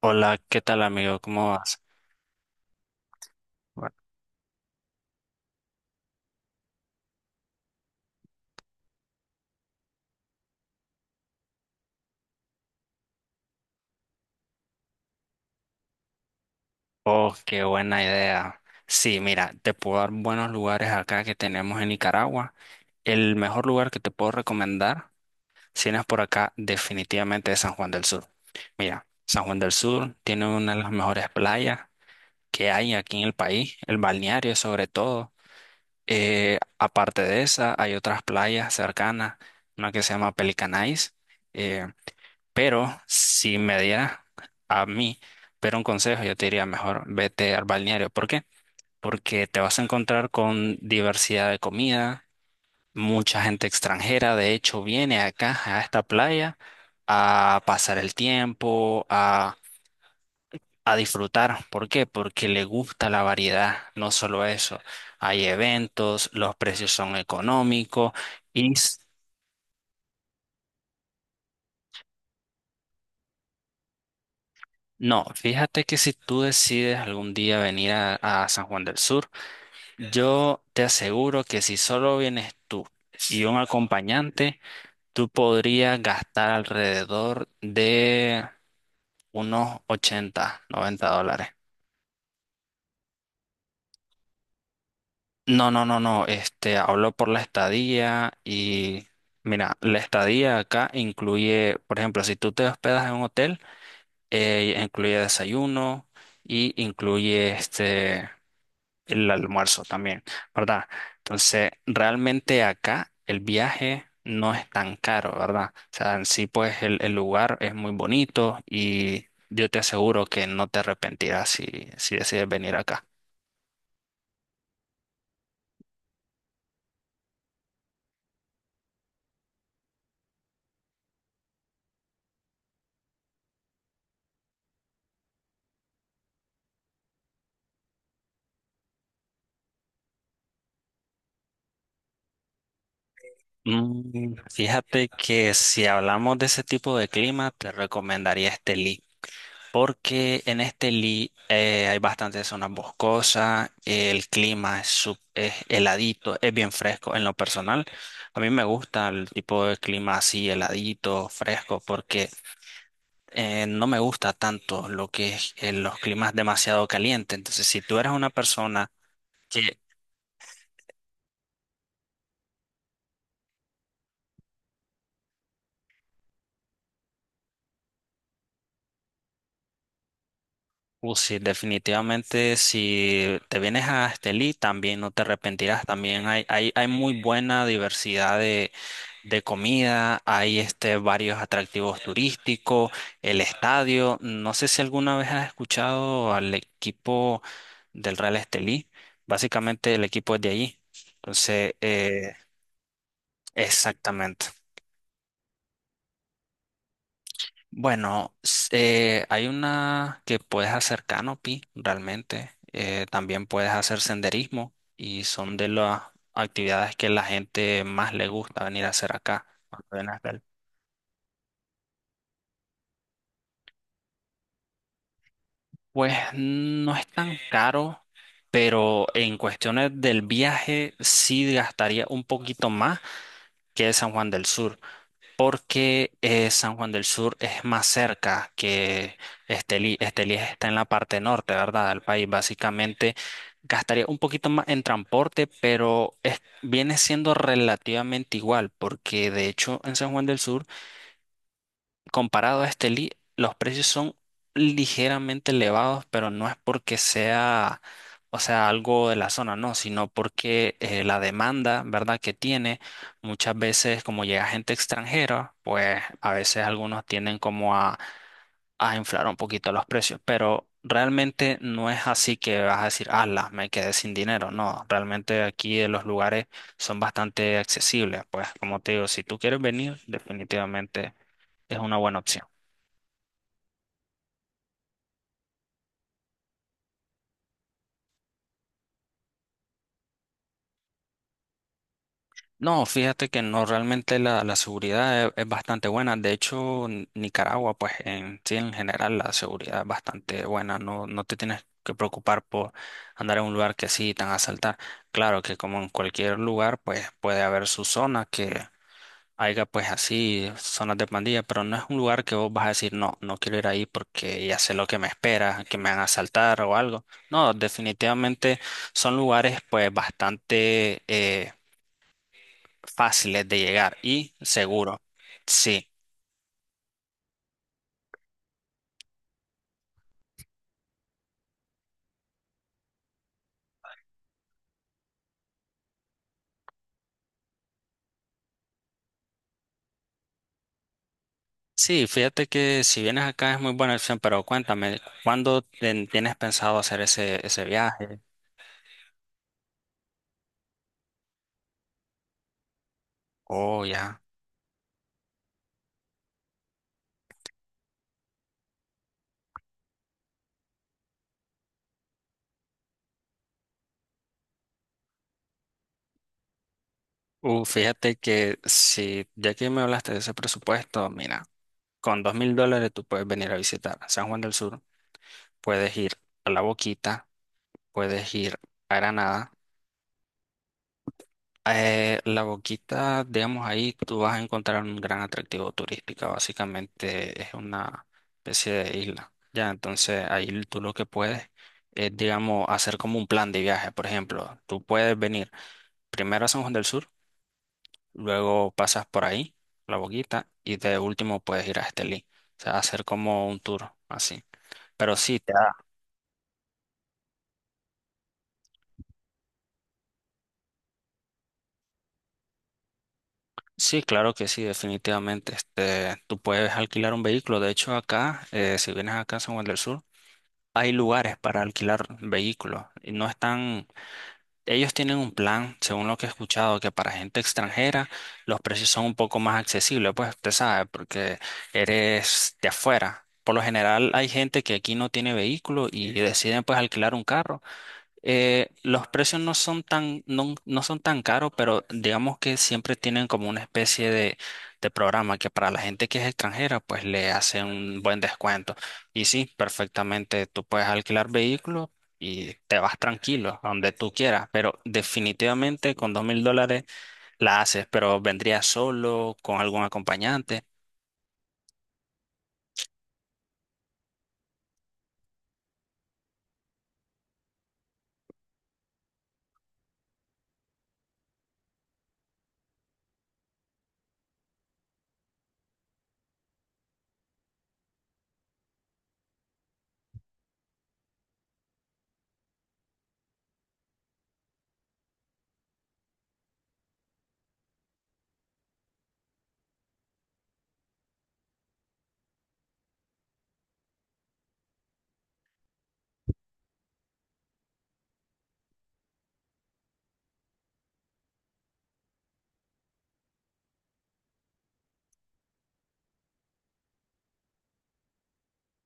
Hola, ¿qué tal amigo? ¿Cómo vas? Bueno. Oh, qué buena idea. Sí, mira, te puedo dar buenos lugares acá que tenemos en Nicaragua. El mejor lugar que te puedo recomendar, si vienes por acá, definitivamente es San Juan del Sur. Mira, San Juan del Sur tiene una de las mejores playas que hay aquí en el país, el balneario sobre todo. Aparte de esa, hay otras playas cercanas, una que se llama Pelicanais. eh, Pero si me diera a mí, pero un consejo, yo te diría mejor vete al balneario. ¿Por qué? Porque te vas a encontrar con diversidad de comida, mucha gente extranjera, de hecho, viene acá a esta playa a pasar el tiempo, a disfrutar. ¿Por qué? Porque le gusta la variedad, no solo eso. Hay eventos, los precios son económicos y s- no, fíjate que si tú decides algún día venir a San Juan del Sur, yo te aseguro que si solo vienes tú y un acompañante, tú podrías gastar alrededor de unos 80, $90. No, no, no, no, hablo por la estadía y mira, la estadía acá incluye, por ejemplo, si tú te hospedas en un hotel, incluye desayuno y incluye el almuerzo también, ¿verdad? Entonces, realmente acá el viaje no es tan caro, ¿verdad? O sea, en sí, pues el lugar es muy bonito y yo te aseguro que no te arrepentirás si decides venir acá. Mm, fíjate que si hablamos de ese tipo de clima, te recomendaría este. Porque en este Lee hay bastantes zonas boscosas, el clima es heladito, es bien fresco. En lo personal, a mí me gusta el tipo de clima así, heladito, fresco, porque no me gusta tanto lo que es los climas demasiado calientes. Entonces, si tú eres una persona. Que Sí, definitivamente si te vienes a Estelí también no te arrepentirás. También hay, hay muy buena diversidad de comida, hay varios atractivos turísticos, el estadio. No sé si alguna vez has escuchado al equipo del Real Estelí, básicamente el equipo es de allí. Entonces, exactamente. Bueno, hay una que puedes hacer canopy realmente. También puedes hacer senderismo y son de las actividades que la gente más le gusta venir a hacer acá. Cuando viene acá Pues no es tan caro, pero en cuestiones del viaje sí gastaría un poquito más que San Juan del Sur. Porque San Juan del Sur es más cerca que Estelí. Estelí está en la parte norte, ¿verdad? Del país. Básicamente gastaría un poquito más en transporte, pero viene siendo relativamente igual, porque de hecho en San Juan del Sur comparado a este Lee, los precios son ligeramente elevados, pero no es porque sea, o sea, algo de la zona, no, sino porque la demanda, ¿verdad?, que tiene, muchas veces como llega gente extranjera, pues a veces algunos tienden como a inflar un poquito los precios, pero realmente no es así que vas a decir, ala, me quedé sin dinero, no, realmente aquí en los lugares son bastante accesibles, pues como te digo, si tú quieres venir, definitivamente. Es una buena opción. No, fíjate que no, realmente la seguridad es bastante buena. De hecho, Nicaragua, pues en sí, en general, la seguridad es bastante buena. No, no te tienes que preocupar por andar en un lugar que sí te van a asaltar. Claro que como en cualquier lugar, pues puede haber su zona que haya pues así, zonas de pandilla, pero no es un lugar que vos vas a decir, no, no quiero ir ahí porque ya sé lo que me espera, que me van a asaltar o algo. No, definitivamente son lugares pues bastante fáciles de llegar y seguro. Sí, sí, fíjate que si vienes acá es muy buena opción, pero cuéntame, ¿cuándo tienes pensado hacer ese viaje? Oh, ya. Fíjate que si ya que me hablaste de ese presupuesto, mira, con $2000 tú puedes venir a visitar San Juan del Sur, puedes ir a La Boquita, puedes ir a Granada. La Boquita, digamos, ahí tú vas a encontrar un gran atractivo turístico. Básicamente es una especie de isla. Ya, entonces ahí tú lo que puedes es, digamos, hacer como un plan de viaje. Por ejemplo, tú puedes venir primero a San Juan del Sur, luego pasas por ahí, la Boquita, y de último puedes ir a Estelí. O sea, hacer como un tour así. Pero sí, Sí, claro que sí, definitivamente. Tú puedes alquilar un vehículo. De hecho, acá, si vienes acá a San Juan del Sur, hay lugares para alquilar vehículos y no están, ellos tienen un plan, según lo que he escuchado, que para gente extranjera los precios son un poco más accesibles, pues usted sabe, porque eres de afuera. Por lo general hay gente que aquí no tiene vehículo y deciden pues alquilar un carro. Los precios no son tan, no, no son tan caros, pero digamos que siempre tienen como una especie de programa que para la gente que es extranjera, pues le hace un buen descuento. Y sí, perfectamente, tú puedes alquilar vehículos y te vas tranquilo a donde tú quieras, pero definitivamente con $2000 la haces, pero vendría solo, con algún acompañante.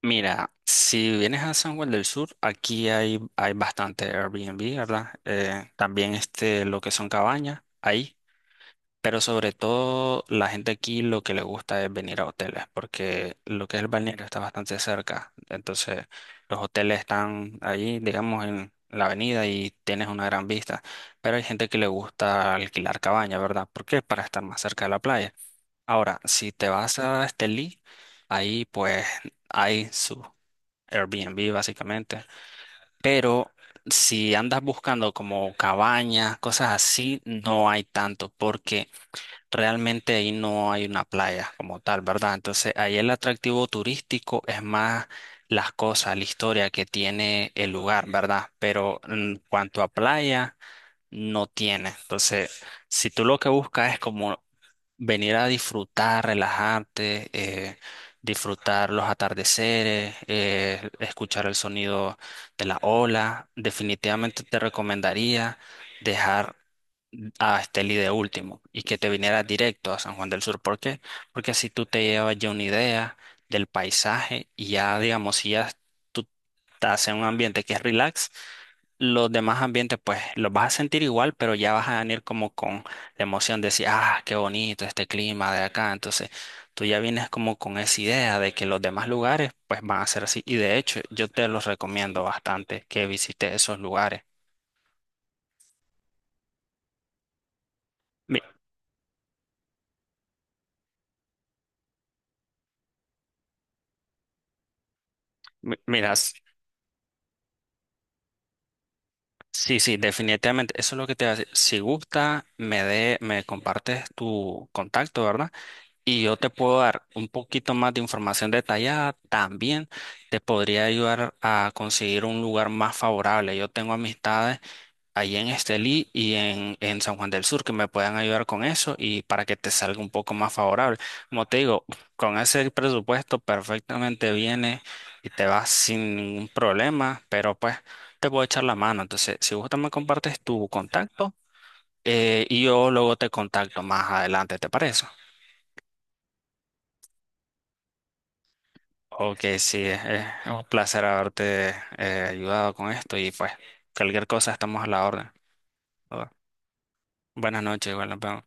Mira, si vienes a San Juan del Sur, aquí hay bastante Airbnb, ¿verdad? También lo que son cabañas, ahí. Pero sobre todo la gente aquí lo que le gusta es venir a hoteles, porque lo que es el balneario está bastante cerca. Entonces, los hoteles están ahí, digamos, en la avenida y tienes una gran vista. Pero hay gente que le gusta alquilar cabaña, ¿verdad? ¿Por qué? Para estar más cerca de la playa. Ahora, si te vas a Estelí, ahí pues hay sus Airbnb básicamente. Pero si andas buscando como cabañas, cosas así, no hay tanto porque realmente ahí no hay una playa como tal, ¿verdad? Entonces ahí el atractivo turístico es más las cosas, la historia que tiene el lugar, ¿verdad? Pero en cuanto a playa, no tiene. Entonces, si tú lo que buscas es como venir a disfrutar, relajarte, disfrutar los atardeceres, escuchar el sonido de la ola. Definitivamente te recomendaría dejar a Esteli de último y que te vinieras directo a San Juan del Sur. ¿Por qué? Porque así tú te llevas ya una idea del paisaje y ya, digamos, si ya tú estás en un ambiente que es relax, los demás ambientes pues los vas a sentir igual, pero ya vas a venir como con la emoción de decir, ah, qué bonito este clima de acá. Entonces, tú ya vienes como con esa idea de que los demás lugares pues van a ser así. Y de hecho, yo te los recomiendo bastante que visites esos lugares. Mi- Miras. Sí, sí, definitivamente. Eso es lo que te hace. Si gusta, me compartes tu contacto, ¿verdad? Y yo te puedo dar un poquito más de información detallada. También te podría ayudar a conseguir un lugar más favorable. Yo tengo amistades ahí en Estelí y en San Juan del Sur que me puedan ayudar con eso y para que te salga un poco más favorable. Como te digo, con ese presupuesto perfectamente viene y te vas sin ningún problema, pero pues te puedo echar la mano. Entonces, si gusta me compartes tu contacto y yo luego te contacto más adelante, ¿te parece? Ok, sí, es un placer haberte ayudado con esto y pues cualquier cosa estamos a la orden. Buenas noches, igual nos vemos.